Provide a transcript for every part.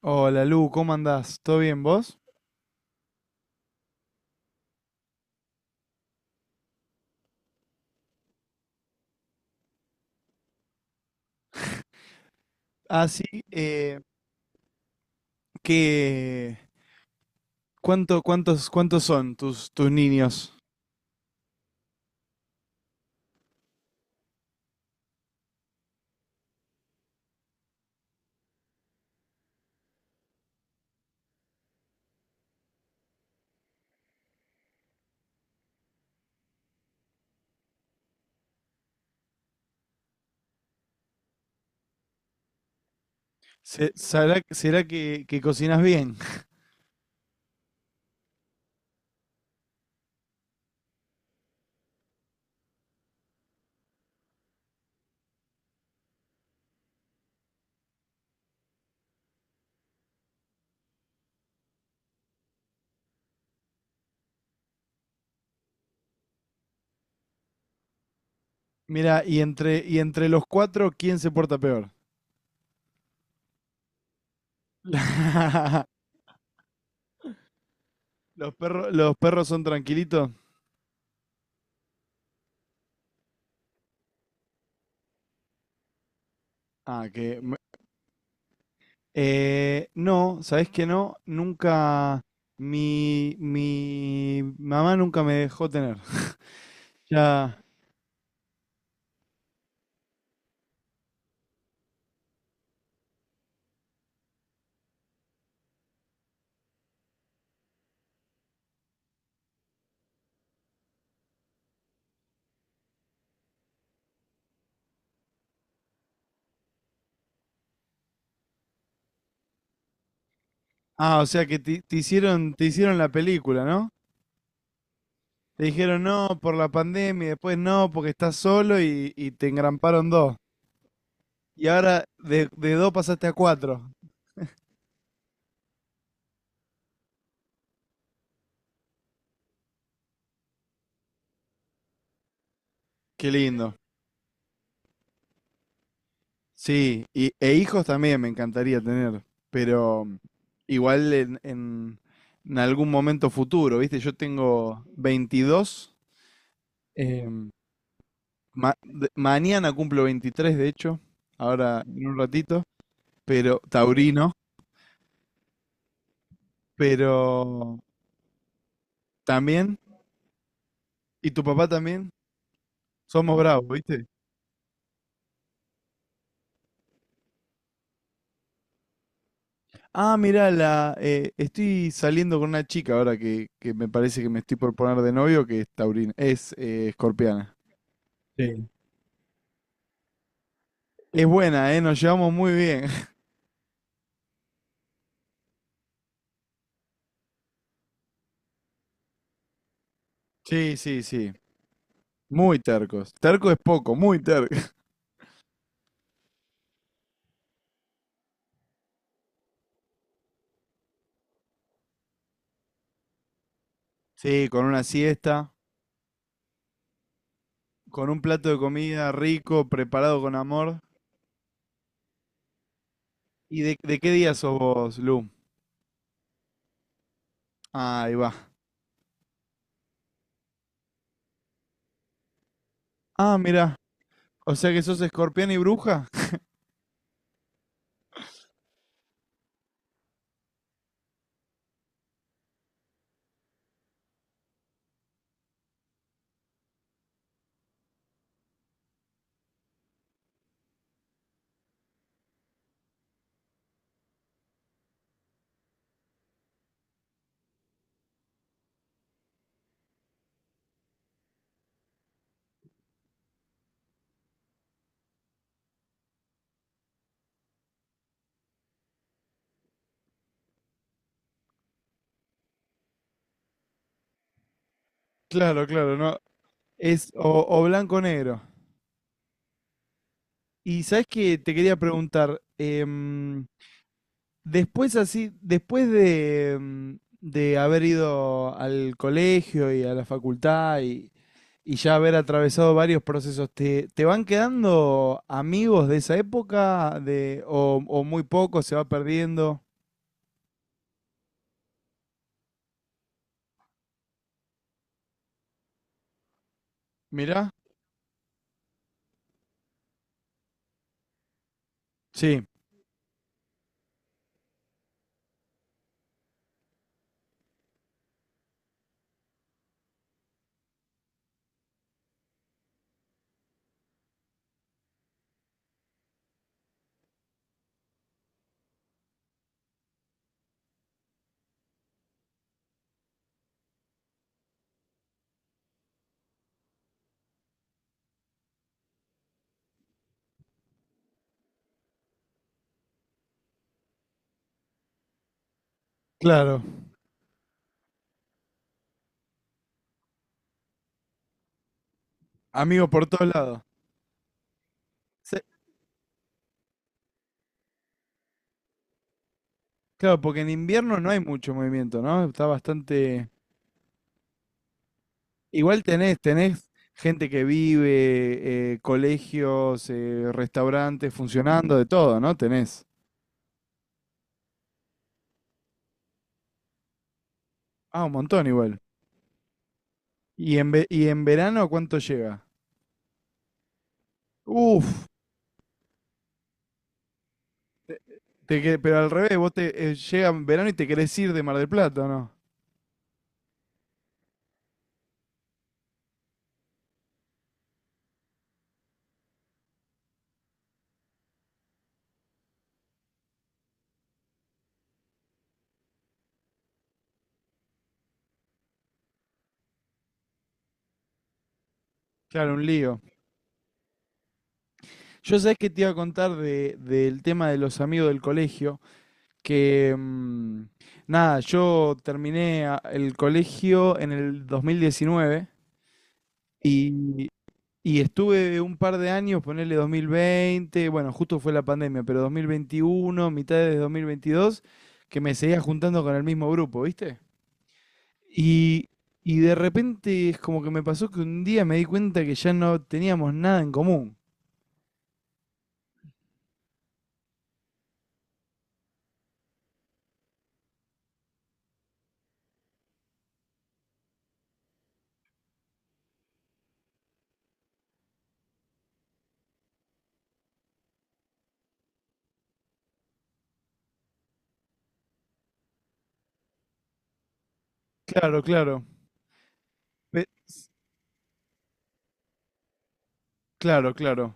Hola Lu, ¿cómo andás? ¿Todo bien vos? Ah, sí, eh, ¿qué, cuántos son tus niños? ¿Será que cocinas bien? Mira, y entre los cuatro, ¿quién se porta peor? ¿Los perros son tranquilitos? Ah, no, ¿sabés que no? Nunca. Mi mamá nunca me dejó tener. Ya. Ah, o sea que te hicieron la película, ¿no? Te dijeron no por la pandemia, y después no porque estás solo y te engramparon dos. Y ahora de dos pasaste a cuatro. Qué lindo. Sí, e hijos también me encantaría tener, pero igual en algún momento futuro, ¿viste? Yo tengo 22, em, mañana cumplo 23 de hecho, ahora en un ratito, pero taurino, pero también, y tu papá también, somos bravos, ¿viste? Ah, mirá, estoy saliendo con una chica ahora que me parece que me estoy por poner de novio, que es taurina, es escorpiana. Sí. Es buena, ¿eh? Nos llevamos muy bien. Sí, sí, sí. Muy tercos. Terco es poco, muy terco. Sí, con una siesta, con un plato de comida rico, preparado con amor. ¿Y de qué día sos vos, Lu? Ahí va. Ah, mirá. O sea que sos escorpiana y bruja. Claro, claro, no. Es o blanco o negro. Y sabes que te quería preguntar, después así, después de haber ido al colegio y a la facultad y ya haber atravesado varios procesos, ¿te van quedando amigos de esa época o muy poco se va perdiendo? Mirá, sí, claro. Amigos por todos lados. Sí, claro, porque en invierno no hay mucho movimiento, ¿no? Está bastante. Igual tenés gente que vive, colegios, restaurantes funcionando, de todo, ¿no? Tenés. Ah, un montón igual. ¿Y en verano cuánto llega? Uf, pero al revés, vos te llega en verano y te querés ir de Mar del Plata, ¿o ¿no? Claro, un lío. Yo sabés que te iba a contar del tema de los amigos del colegio, que mm, nada, yo terminé el colegio en el 2019 y, Y estuve un par de años, ponerle 2020, bueno, justo fue la pandemia, pero 2021, mitad de 2022, que me seguía juntando con el mismo grupo, ¿viste? Y, y de repente es como que me pasó que un día me di cuenta que ya no teníamos nada en común. Claro, claro. Pe- claro, claro.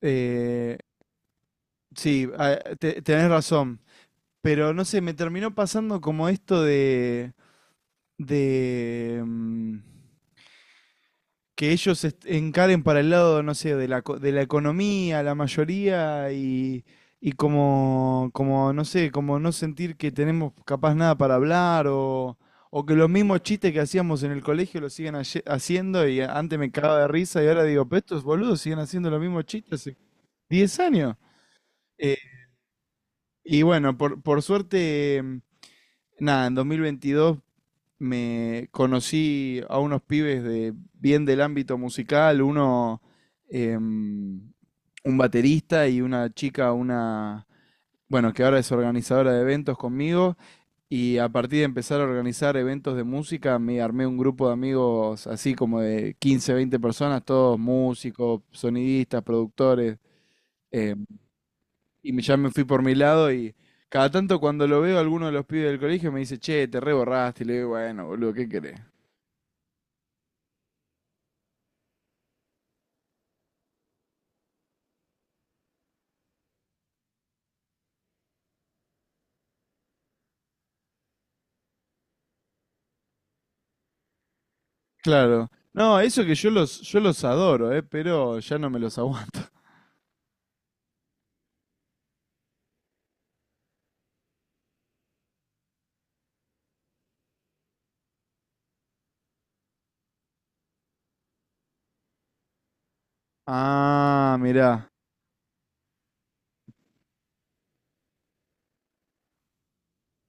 Eh, sí, ah, tenés razón. Pero no sé, me terminó pasando como esto de, mm, que ellos encaren para el lado, no sé, de la economía, la mayoría, y como, no sé, como no sentir que tenemos capaz nada para hablar, o que los mismos chistes que hacíamos en el colegio los siguen haciendo, y antes me cagaba de risa, y ahora digo, pero estos boludos siguen haciendo los mismos chistes hace 10 años. Eh, y bueno, por suerte, nada, en 2022 me conocí a unos pibes de bien del ámbito musical, em, un baterista y una chica, una bueno, que ahora es organizadora de eventos conmigo y a partir de empezar a organizar eventos de música me armé un grupo de amigos así como de 15 20 personas, todos músicos, sonidistas, productores em, ya me fui por mi lado y cada tanto cuando lo veo alguno de los pibes del colegio me dice, "Che, te reborraste." Y le digo, "Bueno, boludo, ¿qué querés?" Claro. No, eso que yo los adoro, pero ya no me los aguanto. Ah, mirá,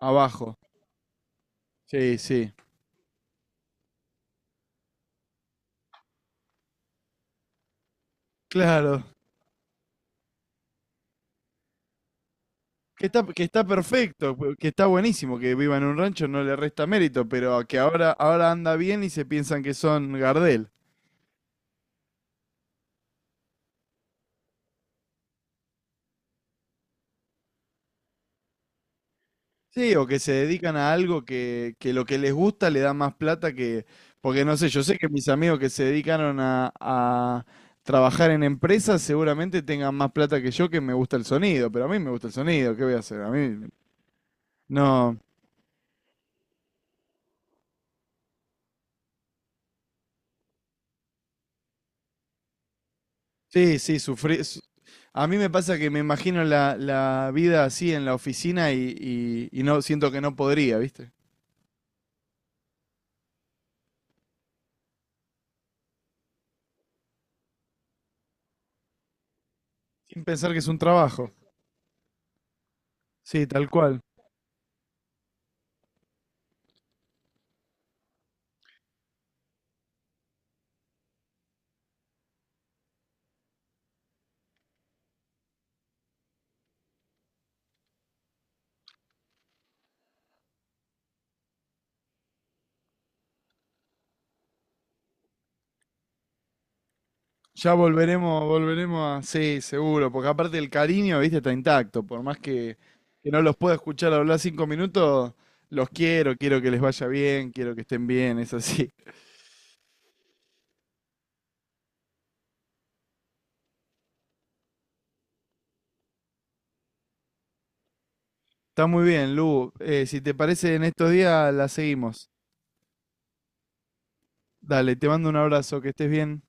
abajo. Sí, sí. Claro. Que está perfecto, que está buenísimo que viva en un rancho, no le resta mérito, pero que ahora anda bien y se piensan que son Gardel. Sí, o que se dedican a algo que lo que les gusta le da más plata que. Porque no sé, yo sé que mis amigos que se dedicaron a trabajar en empresas seguramente tengan más plata que yo que me gusta el sonido, pero a mí me gusta el sonido, ¿qué voy a hacer? A mí no. Sí, sí, A mí me pasa que me imagino la vida así en la oficina y no siento que no podría, ¿viste? Sin pensar que es un trabajo. Sí, tal cual. Ya volveremos, volveremos a. Sí, seguro, porque aparte el cariño, viste, está intacto. Por más que no los pueda escuchar hablar 5 minutos, los quiero, quiero que les vaya bien, quiero que estén bien, es así. Está muy bien, Lu. Si te parece, en estos días la seguimos. Dale, te mando un abrazo, que estés bien.